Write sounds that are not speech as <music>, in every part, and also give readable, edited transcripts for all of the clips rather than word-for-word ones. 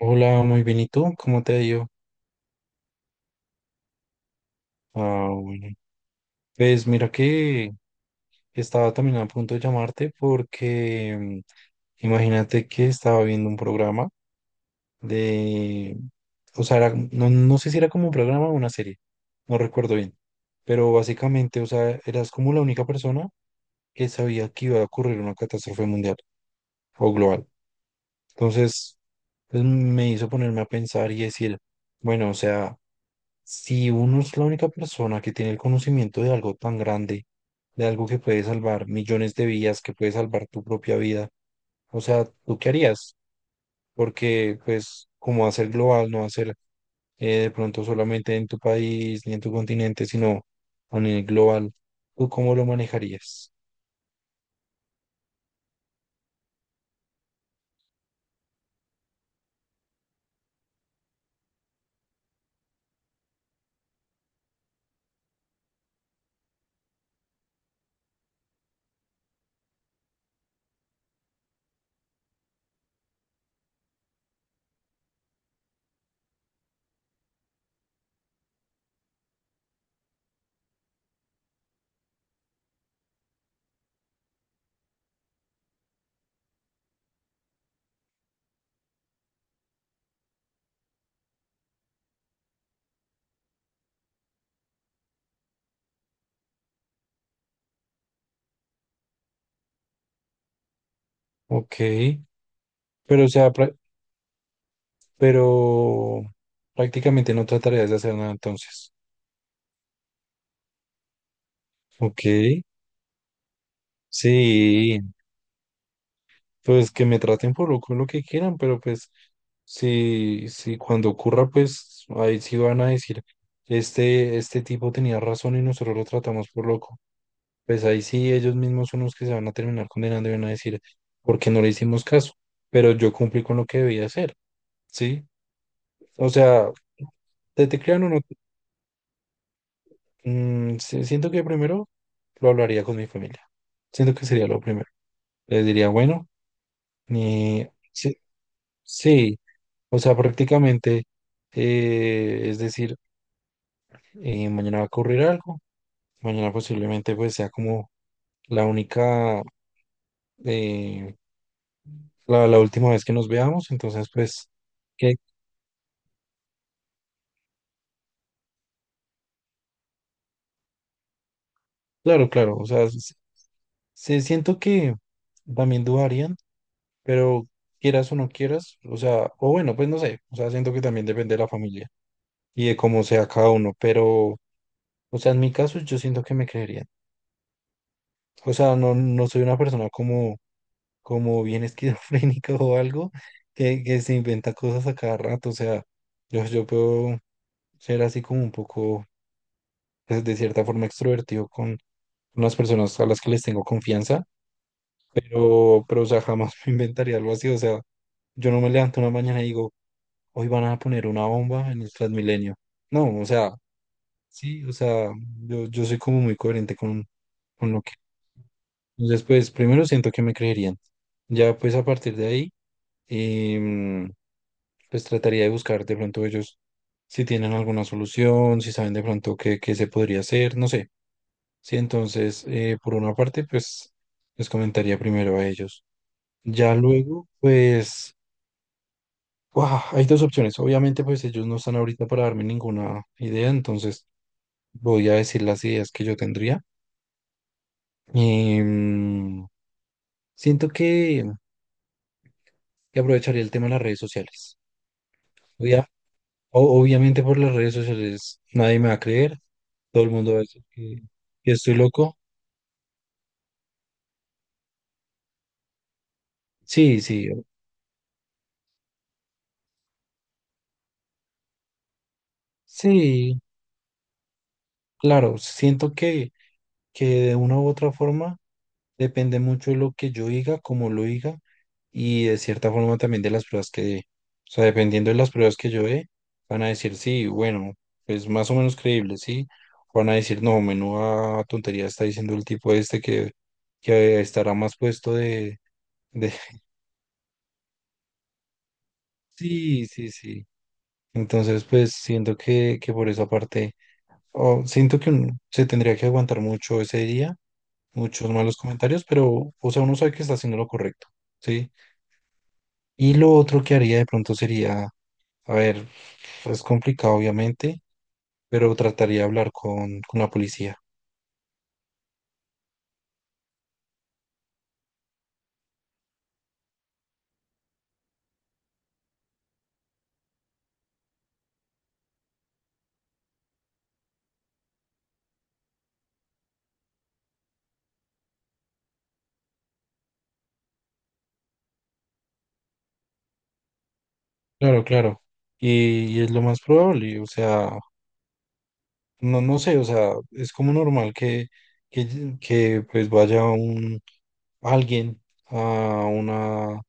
Hola, muy bien. ¿Y tú? ¿Cómo te ha ido? Ah, bueno. Pues mira que estaba también a punto de llamarte porque imagínate que estaba viendo un programa de, o sea, no, no sé si era como un programa o una serie, no recuerdo bien, pero básicamente, o sea, eras como la única persona que sabía que iba a ocurrir una catástrofe mundial o global. Entonces, pues, me hizo ponerme a pensar y decir, bueno, o sea, si uno es la única persona que tiene el conocimiento de algo tan grande, de algo que puede salvar millones de vidas, que puede salvar tu propia vida, o sea, ¿tú qué harías? Porque, pues, como va a ser global, no va a ser de pronto solamente en tu país ni en tu continente, sino a nivel global, ¿tú cómo lo manejarías? Ok, pero o sea, pero prácticamente no trataría de hacer nada entonces. Ok, sí, pues que me traten por lo, con lo que quieran, pero pues sí, sí, cuando ocurra, pues ahí sí van a decir, este tipo tenía razón y nosotros lo tratamos por loco. Pues ahí sí, ellos mismos son los que se van a terminar condenando y van a decir, ¿por qué no le hicimos caso? Pero yo cumplí con lo que debía hacer, ¿sí? O sea, te crean o no. Mm, sí, siento que primero lo hablaría con mi familia. Siento que sería lo primero. Les diría, bueno, ni... sí, sí, o sea, prácticamente, es decir, mañana va a ocurrir algo, mañana posiblemente pues sea como la única, eh, la última vez que nos veamos, entonces pues, que, claro, claro, o sea, sí, siento que también dudarían, pero quieras o no quieras, o sea, o bueno, pues no sé, o sea, siento que también depende de la familia, y de cómo sea cada uno, pero, o sea, en mi caso yo siento que me creerían. O sea, no, no soy una persona como, bien esquizofrénica <laughs> o algo que se inventa cosas a cada rato. O sea, yo puedo ser así como un poco, pues, de cierta forma extrovertido con unas personas a las que les tengo confianza, pero, o sea, jamás <laughs> me inventaría algo así. O sea, yo no me levanto una mañana y digo, hoy van a poner una bomba en el Transmilenio. No, o sea, sí, o sea, yo soy como muy coherente con, lo que... Entonces, pues primero siento que me creerían. Ya pues a partir de ahí, em, pues trataría de buscar de pronto ellos si tienen alguna solución, si saben de pronto qué, qué se podría hacer, no sé. Sí, entonces, por una parte, pues les comentaría primero a ellos. Ya luego, pues, ¡guau! Hay dos opciones. Obviamente, pues ellos no están ahorita para darme ninguna idea, entonces voy a decir las ideas que yo tendría. Em, siento que aprovecharía el tema de las redes sociales. Obvia- obviamente por las redes sociales nadie me va a creer, todo el mundo va a decir que estoy loco. Sí, sí, sí, claro, siento que de una u otra forma depende mucho de lo que yo diga, cómo lo diga y de cierta forma también de las pruebas que dé. O sea, dependiendo de las pruebas que yo dé, van a decir sí, bueno, es más o menos creíble, sí. O van a decir no, menuda tontería está diciendo el tipo este que estará más puesto de... <laughs> Sí, sí, sí. Entonces, pues siento que por esa parte, o siento que uno se tendría que aguantar mucho ese día, muchos malos comentarios, pero, o sea, uno sabe que está haciendo lo correcto, ¿sí? Y lo otro que haría de pronto sería, a ver, es complicado obviamente, pero trataría de hablar con, la policía. Claro, claro. Y es lo más probable, o sea, no, no sé, o sea, es como normal que, pues vaya alguien a una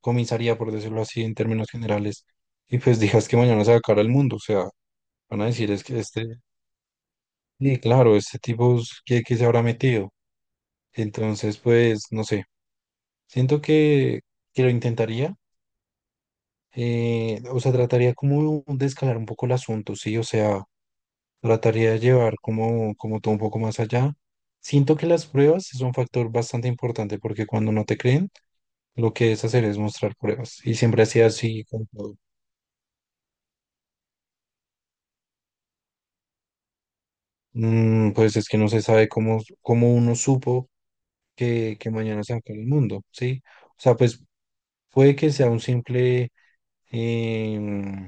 comisaría, por decirlo así, en términos generales, y pues digas que mañana se va a acabar el mundo, o sea, van a decir es que este, sí, claro, este tipo, ¿qué se habrá metido? Entonces, pues, no sé. Siento que lo intentaría. Eh, o sea, trataría como de escalar un poco el asunto, ¿sí? O sea, trataría de llevar como, todo un poco más allá. Siento que las pruebas es un factor bastante importante porque cuando no te creen, lo que es hacer es mostrar pruebas. Y siempre ha sido así con todo. Mm, pues es que no se sabe cómo, uno supo que mañana se va a acabar el mundo, ¿sí? O sea, pues puede que sea un simple... em,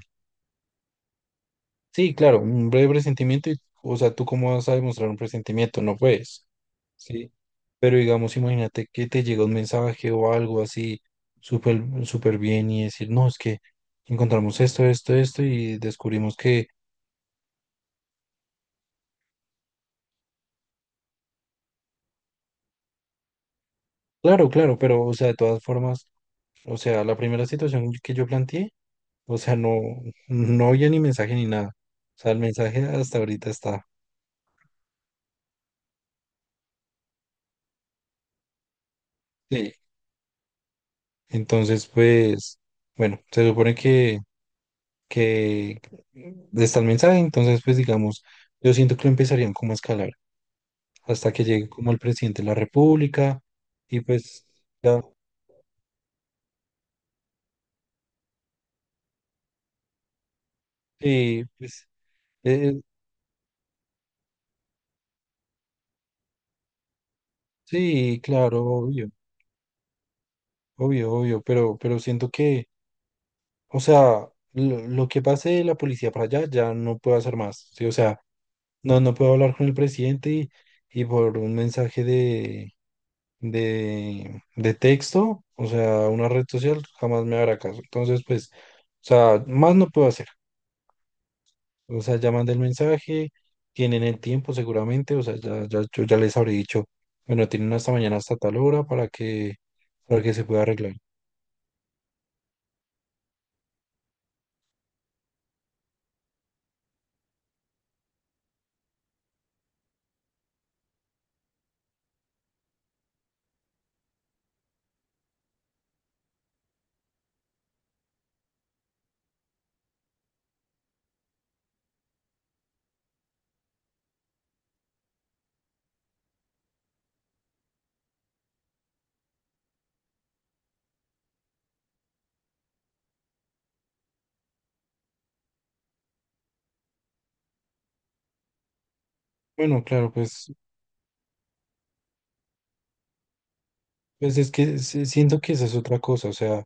sí, claro, un breve presentimiento, y, o sea, ¿tú cómo vas a demostrar un presentimiento? No puedes, ¿sí? Pero digamos, imagínate que te llega un mensaje o algo así súper súper bien y decir, no, es que encontramos esto, esto, esto y descubrimos que, claro, claro, pero, o sea, de todas formas, o sea, la primera situación que yo planteé, o sea, no, no había ni mensaje ni nada. O sea, el mensaje hasta ahorita está. Sí. Entonces, pues, bueno, se supone que está el mensaje, entonces pues digamos, yo siento que lo empezarían como a escalar hasta que llegue como el presidente de la República y pues, ya, sí, pues, eh, sí, claro, obvio, obvio, obvio, pero, siento que, o sea, lo que pase de la policía para allá ya no puedo hacer más, ¿sí? O sea, no, no puedo hablar con el presidente y por un mensaje de de texto, o sea, una red social jamás me hará caso. Entonces, pues, o sea, más no puedo hacer. O sea, ya mandé el mensaje, tienen el tiempo seguramente, o sea, ya, ya, yo ya les habré dicho, bueno, tienen hasta mañana hasta tal hora para que se pueda arreglar. Bueno, claro, pues, pues es que siento que esa es otra cosa, o sea,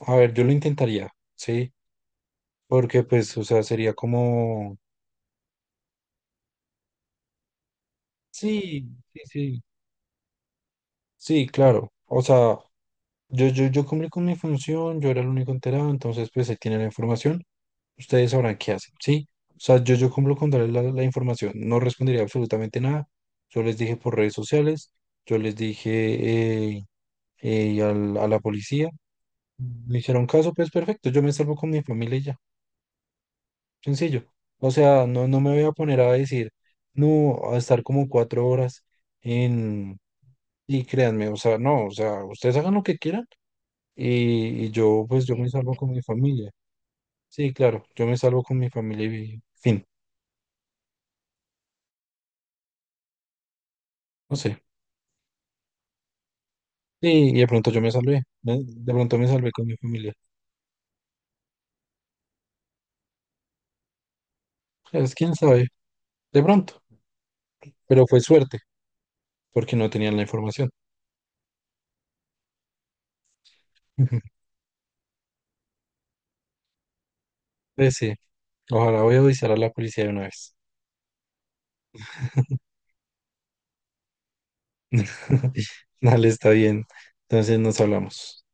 a ver, yo lo intentaría, ¿sí? Porque, pues, o sea, sería como... Sí, sí, sí. Sí, claro. O sea, yo cumplí con mi función, yo era el único enterado, entonces pues él tiene la información, ustedes sabrán qué hacen, ¿sí? O sea, yo cumplo con darles la información, no respondería absolutamente nada, yo les dije por redes sociales, yo les dije a la policía, me hicieron caso, pues perfecto, yo me salvo con mi familia y ya, sencillo. O sea, no, no me voy a poner a decir, no, a estar como 4 horas en... Y créanme, o sea, no, o sea, ustedes hagan lo que quieran y yo, pues yo me salvo con mi familia. Sí, claro, yo me salvo con mi familia y fin, no sé. Y de pronto yo me salvé, ¿no? De pronto me salvé con mi familia. Pues quién sabe, de pronto, pero fue suerte, porque no tenían la información. <laughs> Pues sí, ojalá voy a avisar a la policía de una vez. <laughs> Dale, está bien. Entonces nos hablamos.